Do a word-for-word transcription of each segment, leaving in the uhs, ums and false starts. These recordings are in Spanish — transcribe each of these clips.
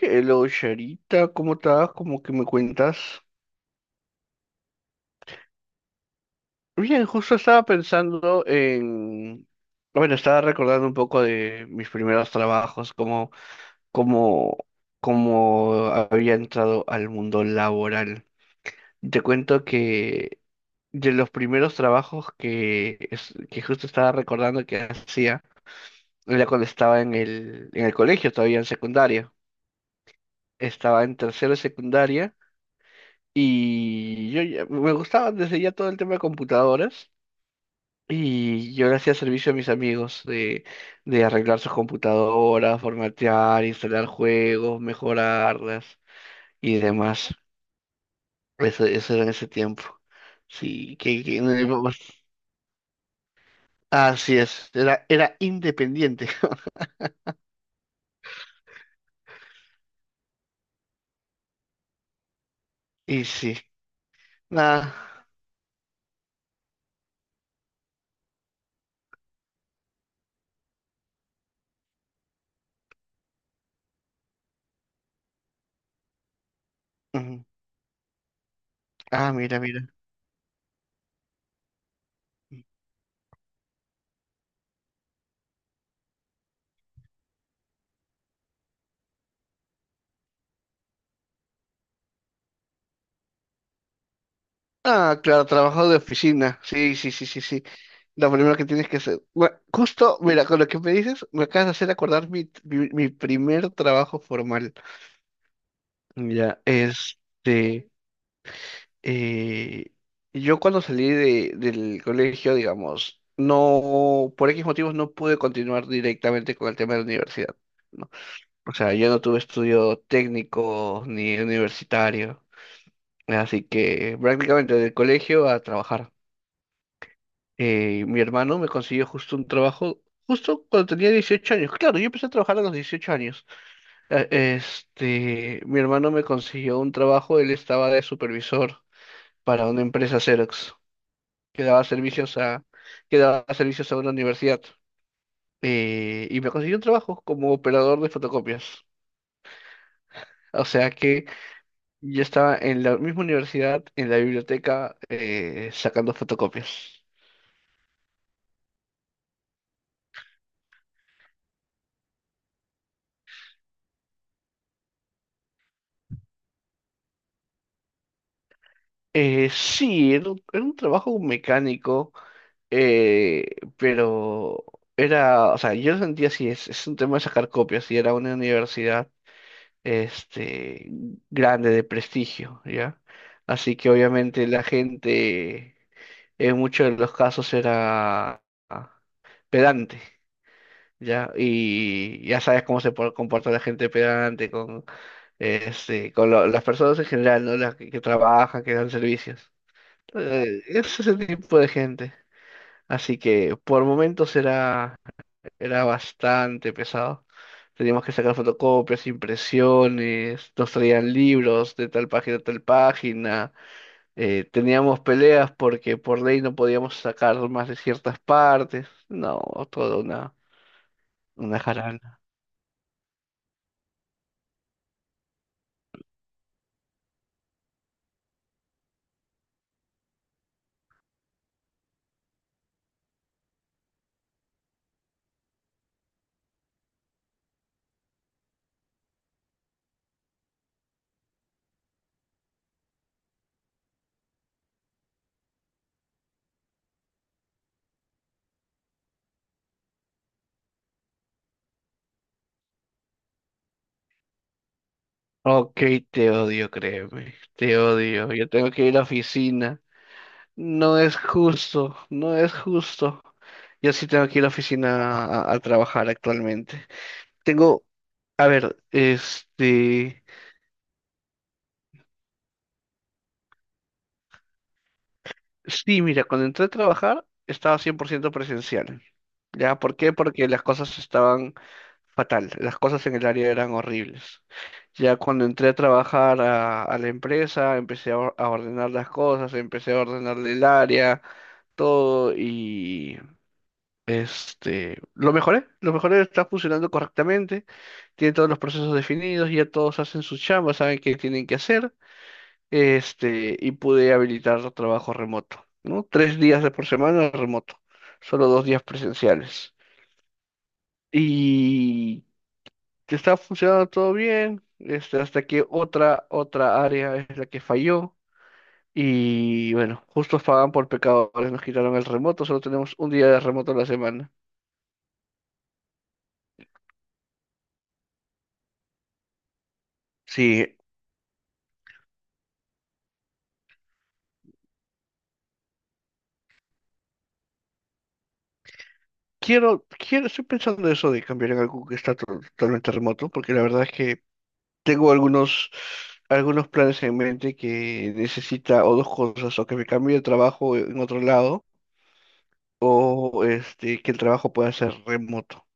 Hello, Charita, ¿cómo estás? ¿Cómo que me cuentas? Bien, justo estaba pensando en... Bueno, estaba recordando un poco de mis primeros trabajos, cómo, cómo, cómo había entrado al mundo laboral. Te cuento que de los primeros trabajos que, es- que justo estaba recordando que hacía, era cuando estaba en el, en el colegio, todavía en secundaria. Estaba en tercero de secundaria. Y yo ya- me gustaba desde ya todo el tema de computadoras. Y yo le hacía servicio a mis amigos de, de arreglar sus computadoras, formatear, instalar juegos, mejorarlas y demás. Eso, eso era en ese tiempo. Sí, que, que no le vamos- así es, era, era independiente. Y sí, nada. Ujú. Ah, mira, mira. Ah, claro, trabajo de oficina. Sí, sí, sí, sí, sí. Lo primero que tienes que hacer. Bueno, justo, mira, con lo que me dices, me acabas de hacer acordar mi, mi, mi primer trabajo formal. Ya, este, eh, yo cuando salí de, del colegio, digamos, no, por X motivos no pude continuar directamente con el tema de la universidad, ¿no? O sea, yo no tuve estudio técnico ni universitario, así que prácticamente del colegio a trabajar. Eh, mi hermano me consiguió justo un trabajo, justo cuando tenía dieciocho años. Claro, yo empecé a trabajar a los dieciocho años. Eh, Este, mi hermano me consiguió un trabajo, él estaba de supervisor para una empresa Xerox, que daba servicios a, que daba servicios a una universidad. Eh, y me consiguió un trabajo como operador de fotocopias. O sea que yo estaba en la misma universidad, en la biblioteca, eh, sacando fotocopias. Eh, sí, era un, era un trabajo mecánico. Eh, pero era, o sea, yo lo sentía así, es, es un tema de sacar copias y era una universidad este, grande, de prestigio, ¿ya? Así que obviamente la gente en muchos de los casos era ah, pedante, ¿ya? Y ya sabes cómo se por- comporta la gente pedante con, este, con lo- las personas en general, ¿no? Las que, que trabajan, que dan servicios. Eh, es ese tipo de gente. Así que por momentos era... Era bastante pesado. Teníamos que sacar fotocopias, impresiones, nos traían libros de tal página a tal página. Eh, teníamos peleas porque por ley no podíamos sacar más de ciertas partes. No, toda una, una jarana. Ok, te odio, créeme. Te odio. Yo tengo que ir a la oficina. No es justo, no es justo. Yo sí tengo que ir a la oficina a a trabajar actualmente. Tengo, a ver, este. Sí, mira, cuando entré a trabajar estaba cien por ciento presencial. ¿Ya? ¿Por qué? Porque las cosas estaban fatal, las cosas en el área eran horribles. Ya cuando entré a trabajar a, a la empresa, empecé a, or- a ordenar las cosas, empecé a ordenar el área, todo. Y este, lo mejoré, lo mejoré, está funcionando correctamente, tiene todos los procesos definidos, ya todos hacen su chamba, saben qué tienen que hacer. Este, y pude habilitar trabajo remoto, ¿no? Tres días de por semana remoto, solo dos días presenciales. Y que estaba funcionando todo bien, este, hasta que otra, otra área es la que falló. Y bueno, justos pagan por pecadores, nos quitaron el remoto, solo tenemos un día de remoto a la semana. Sí, quiero, quiero, estoy pensando eso de cambiar en algo que está to- totalmente remoto, porque la verdad es que tengo algunos, algunos planes en mente que necesita o dos cosas, o que me cambie de trabajo en otro lado, o este, que el trabajo pueda ser remoto,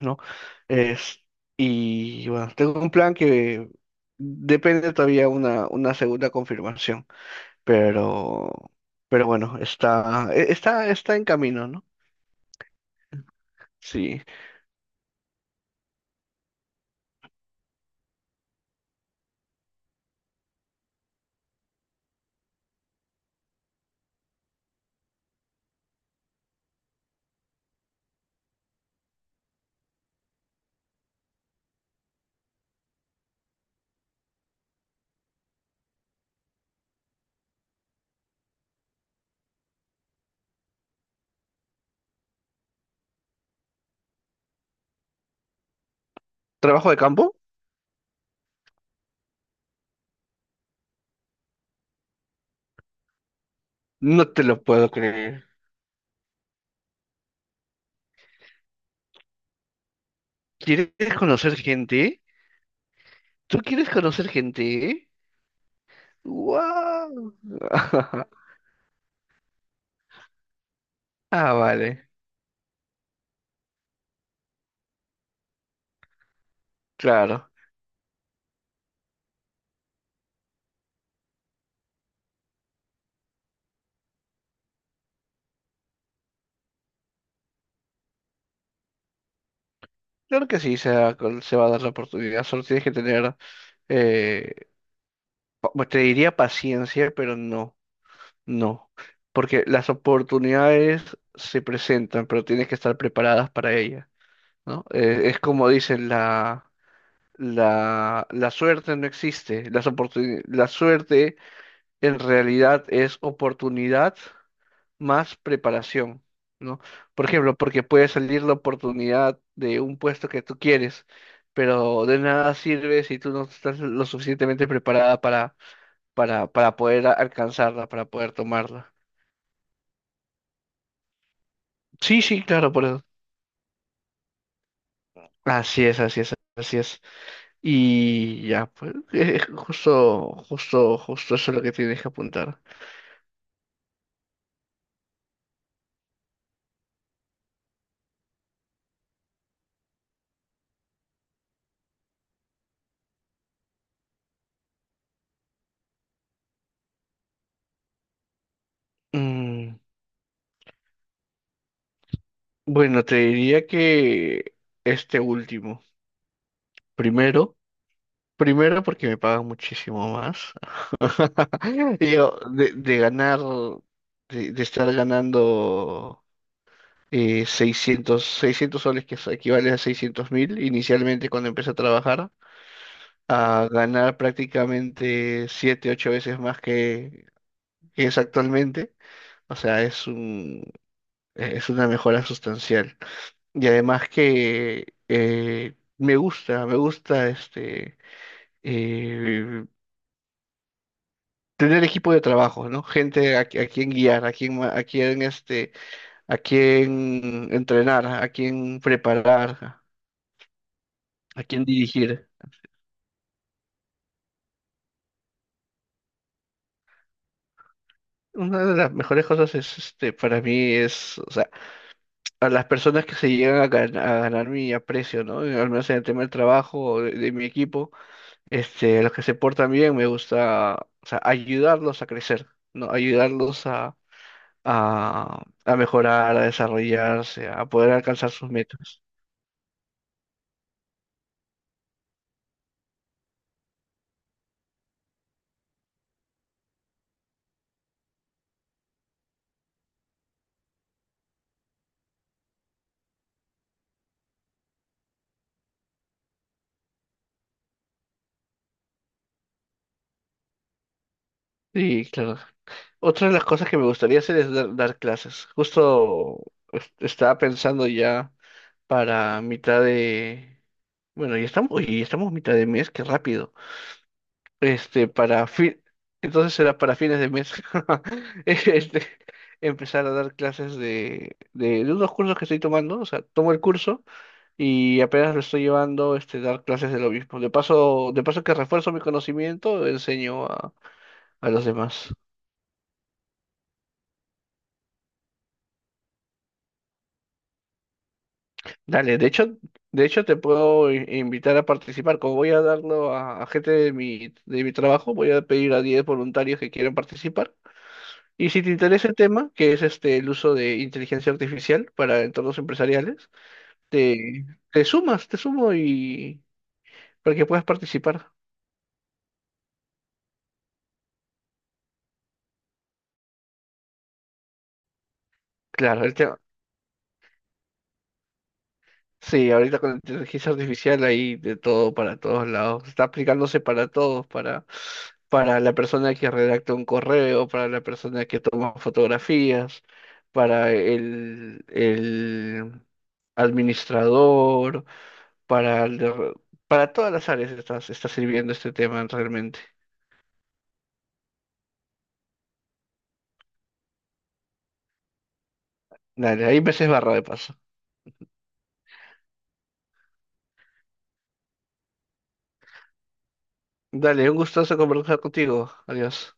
¿no? Es, y bueno, tengo un plan que depende todavía una, una segunda confirmación, pero, pero bueno, está, e- está, está en camino, ¿no? Sí. ¿Trabajo de campo? No te lo puedo creer. ¿Quieres conocer gente? ¿Tú quieres conocer gente? ¡Wow! Ah, vale, claro. Claro que sí, se va, con- se va a dar la oportunidad. Solo tienes que tener, eh, pa- pues te diría paciencia, pero no, no. Porque las oportunidades se presentan, pero tienes que estar preparadas para ellas, ¿no? Eh, es como dicen, la, la, la suerte no existe. Las oportuni- la suerte en realidad es oportunidad más preparación, ¿no? Por ejemplo, porque puede salir la oportunidad de un puesto que tú quieres, pero de nada sirve si tú no estás lo suficientemente preparada para, para, para poder a- alcanzarla, para poder tomarla. Sí, sí, claro, por eso. Así es, así es, así es. Y ya, pues, eh, justo, justo, justo eso es lo que tienes que apuntar. Mm, bueno, te diría que este último, primero. Primero porque me pagan muchísimo más. Digo, de, de ganar, de, de estar ganando eh, seiscientos 600 soles, que eso equivale a seiscientos mil inicialmente cuando empecé a trabajar, a ganar prácticamente siete ocho veces más que, que es actualmente. O sea, es un, es una mejora sustancial. Y además que eh, me gusta, me gusta este... eh, tener equipo de trabajo, ¿no? Gente a, qui- a quien guiar, a quien, ma- a quien, este, a quien entrenar, a quien preparar, a quien dirigir. Una de las mejores cosas es, este, para mí es, o sea, a las personas que se llegan a, gan- a ganar mi aprecio, ¿no? Al menos en el tema del trabajo o de, de mi equipo, este, los que se portan bien, me gusta, o sea, ayudarlos a crecer, ¿no? Ayudarlos a, a, a mejorar, a desarrollarse, a poder alcanzar sus metas. Sí, claro. Otra de las cosas que me gustaría hacer es dar, dar clases. Justo es- estaba pensando ya para mitad de... Bueno, ya estamos, oye, ya estamos mitad de mes, qué rápido. Este, para fin... Entonces será para fines de mes. Este, Empezar a dar clases de, de, de unos cursos que estoy tomando. O sea, tomo el curso y apenas lo estoy llevando, este, dar clases de lo mismo. De paso, de paso que refuerzo mi conocimiento, enseño a, a los demás. Dale, de hecho, de hecho te puedo i- invitar a participar. Como voy a darlo a, a gente de mi, de mi trabajo, voy a pedir a diez voluntarios que quieran participar. Y si te interesa el tema, que es este el uso de inteligencia artificial para entornos empresariales, te, te sumas, te sumo y para que puedas participar. Claro, el te- sí, ahorita con la inteligencia artificial hay de todo para todos lados. Está aplicándose para todos, para, para la persona que redacta un correo, para la persona que toma fotografías, para el, el administrador, para, el de- para todas las áreas está, está sirviendo este tema realmente. Dale, ahí me barra de paso. Dale, un gustazo conversar contigo. Adiós.